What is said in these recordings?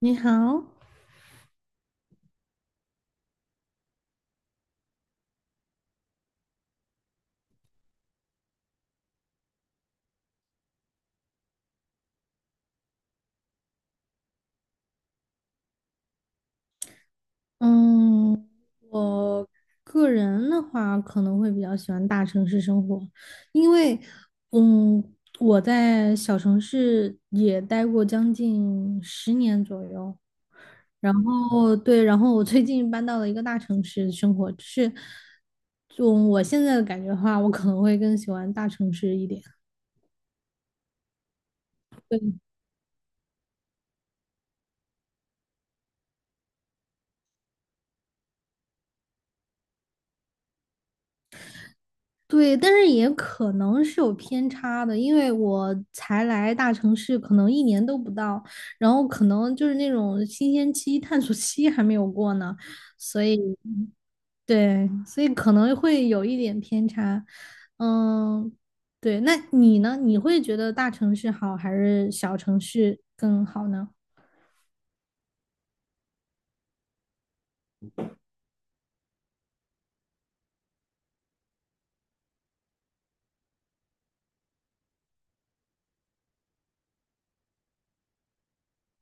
你好，嗯，我个人的话可能会比较喜欢大城市生活，因为，嗯，我在小城市也待过将近十年左右。然后我最近搬到了一个大城市生活，就我现在的感觉的话，我可能会更喜欢大城市一点。对，但是也可能是有偏差的，因为我才来大城市，可能一年都不到，然后可能就是那种新鲜期、探索期还没有过呢，所以对，所以可能会有一点偏差。嗯，对，那你呢？你会觉得大城市好还是小城市更好呢？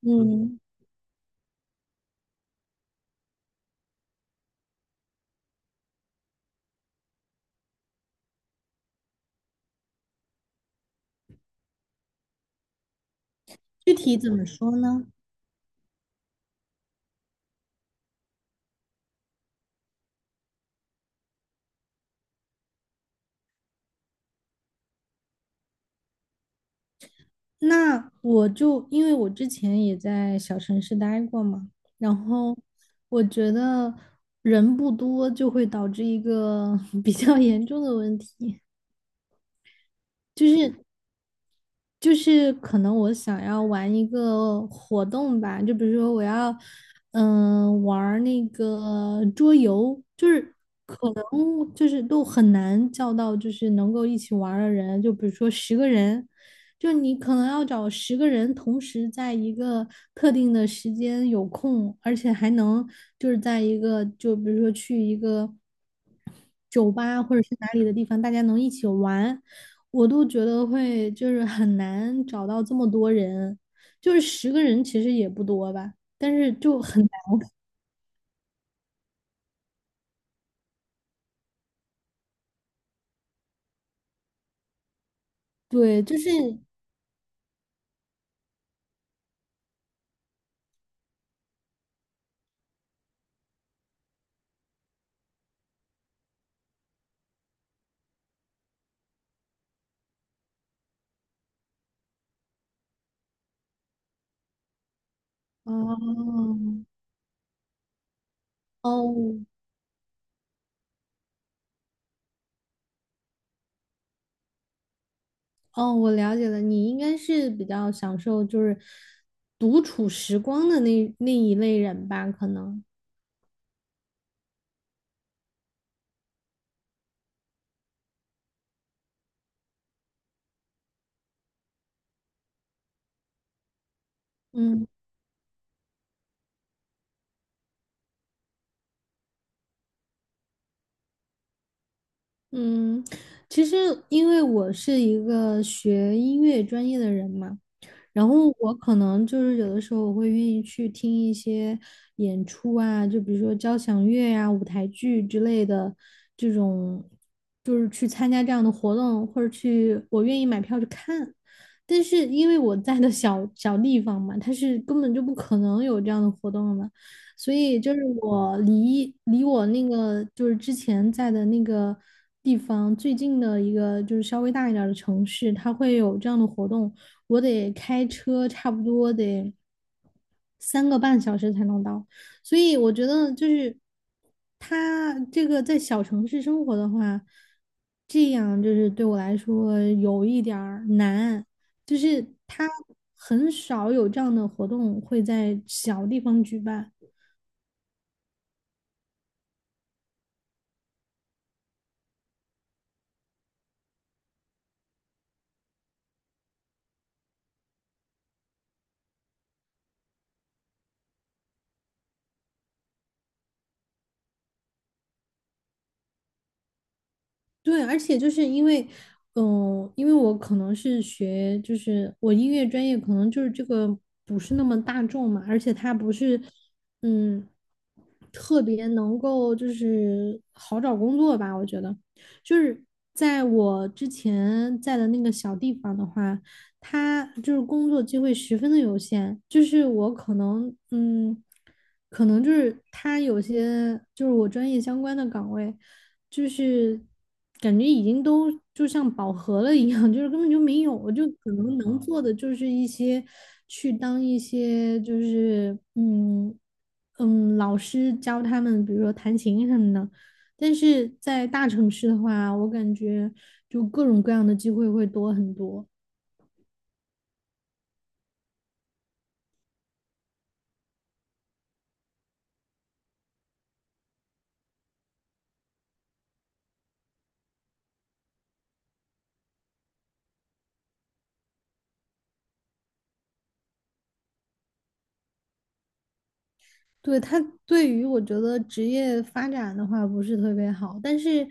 嗯，具体怎么说呢？那我就因为我之前也在小城市待过嘛，然后我觉得人不多就会导致一个 比较严重的问题，就是就是可能我想要玩一个活动吧，就比如说我要玩儿那个桌游，就是都很难叫到，就是能够一起玩儿的人。就比如说十个人，就你可能要找十个人同时在一个特定的时间有空，而且还能就是在一个，就比如说去一个酒吧或者是哪里的地方，大家能一起玩，我都觉得会就是很难找到这么多人。就是十个人其实也不多吧，但是就很难，对，哦，哦。哦，我了解了，你应该是比较享受就是独处时光的那一类人吧？可能，嗯嗯，其实因为我是一个学音乐专业的人嘛，然后我可能就是有的时候我会愿意去听一些演出啊，就比如说交响乐呀、舞台剧之类的这种，就是去参加这样的活动，或者去我愿意买票去看。但是因为我在的小地方嘛，它是根本就不可能有这样的活动的嘛，所以就是我离我那个就是之前在的那个地方最近的一个就是稍微大一点儿的城市，它会有这样的活动，我得开车差不多得3个半小时才能到。所以我觉得就是他这个在小城市生活的话，这样就是对我来说有一点儿难，就是他很少有这样的活动会在小地方举办。对，而且就是因为，因为我可能是学，就是我音乐专业可能就是这个不是那么大众嘛，而且它不是，嗯，特别能够就是好找工作吧，我觉得，就是在我之前在的那个小地方的话，它就是工作机会十分的有限，就是我可能，嗯，可能就是它有些就是我专业相关的岗位。就是感觉已经都就像饱和了一样，就是根本就没有，我就可能能做的就是一些去当一些就是老师教他们，比如说弹琴什么的。但是在大城市的话，我感觉就各种各样的机会会多很多。对，他对于我觉得职业发展的话不是特别好，但是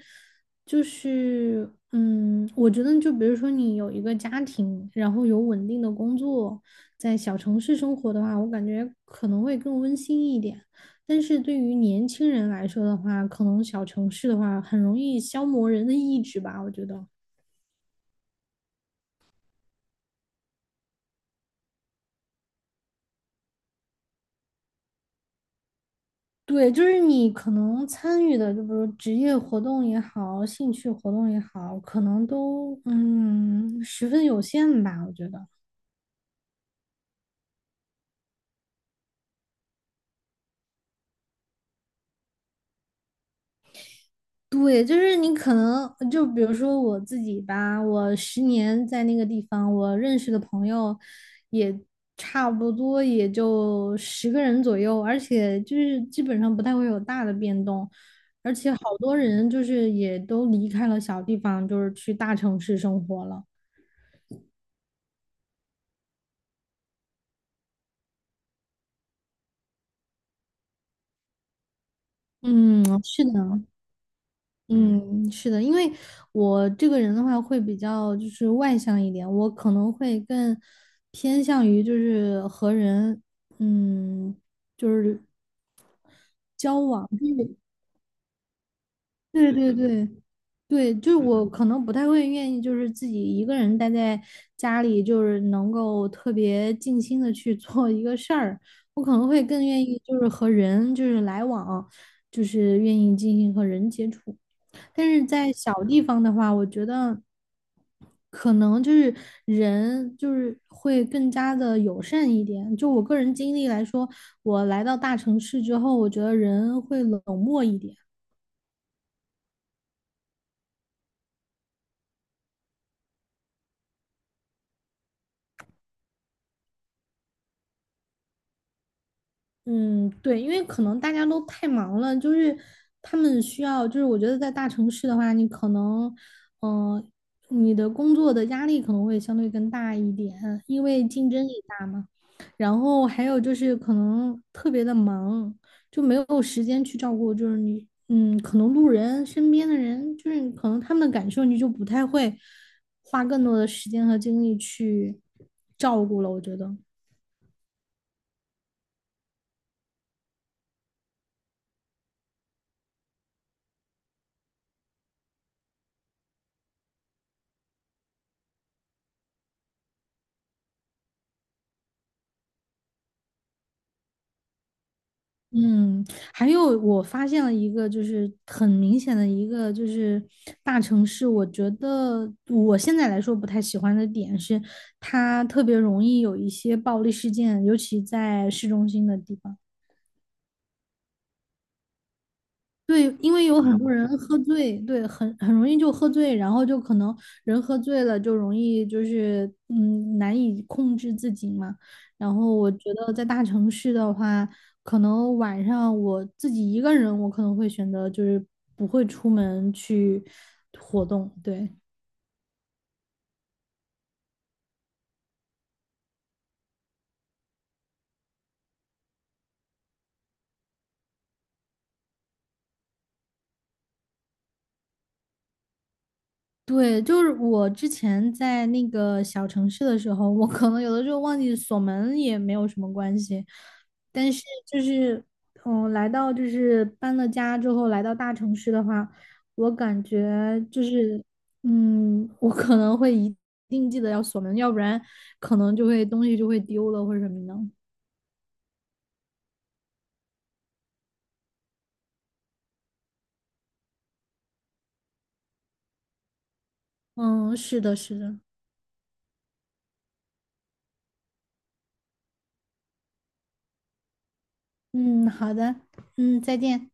我觉得就比如说你有一个家庭，然后有稳定的工作，在小城市生活的话，我感觉可能会更温馨一点。但是对于年轻人来说的话，可能小城市的话很容易消磨人的意志吧，我觉得。对，就是你可能参与的，就比如职业活动也好，兴趣活动也好，可能都嗯十分有限吧，我觉得。对，就是你可能就比如说我自己吧，我十年在那个地方，我认识的朋友也差不多也就十个人左右，而且就是基本上不太会有大的变动，而且好多人就是也都离开了小地方，就是去大城市生活了。嗯，是的。嗯，是的，因为我这个人的话会比较就是外向一点，我可能会更偏向于就是和人，嗯，就是交往。对对对对对，就是我可能不太会愿意就是自己一个人待在家里，就是能够特别静心的去做一个事儿，我可能会更愿意就是和人就是来往，就是愿意进行和人接触。但是在小地方的话，我觉得可能就是人就是会更加的友善一点。就我个人经历来说，我来到大城市之后，我觉得人会冷漠一点。嗯，对，因为可能大家都太忙了，就是他们需要，就是我觉得在大城市的话，你可能，嗯、你的工作的压力可能会相对更大一点，因为竞争也大嘛。然后还有就是可能特别的忙，就没有时间去照顾，就是你，嗯，可能路人身边的人，就是可能他们的感受，你就不太会花更多的时间和精力去照顾了，我觉得。嗯，还有我发现了一个，就是很明显的一个，就是大城市，我觉得我现在来说不太喜欢的点是，它特别容易有一些暴力事件，尤其在市中心的地方。对，因为有很多嗯人喝醉，对，很容易就喝醉，然后就可能人喝醉了就容易就是嗯难以控制自己嘛。然后我觉得在大城市的话，可能晚上我自己一个人，我可能会选择就是不会出门去活动，对。对，就是我之前在那个小城市的时候，我可能有的时候忘记锁门也没有什么关系，但是就是，来到就是搬了家之后来到大城市的话，我感觉就是，我可能会一定记得要锁门，要不然可能就会东西就会丢了或者什么的。嗯，是的，是的，嗯，好的，嗯，再见。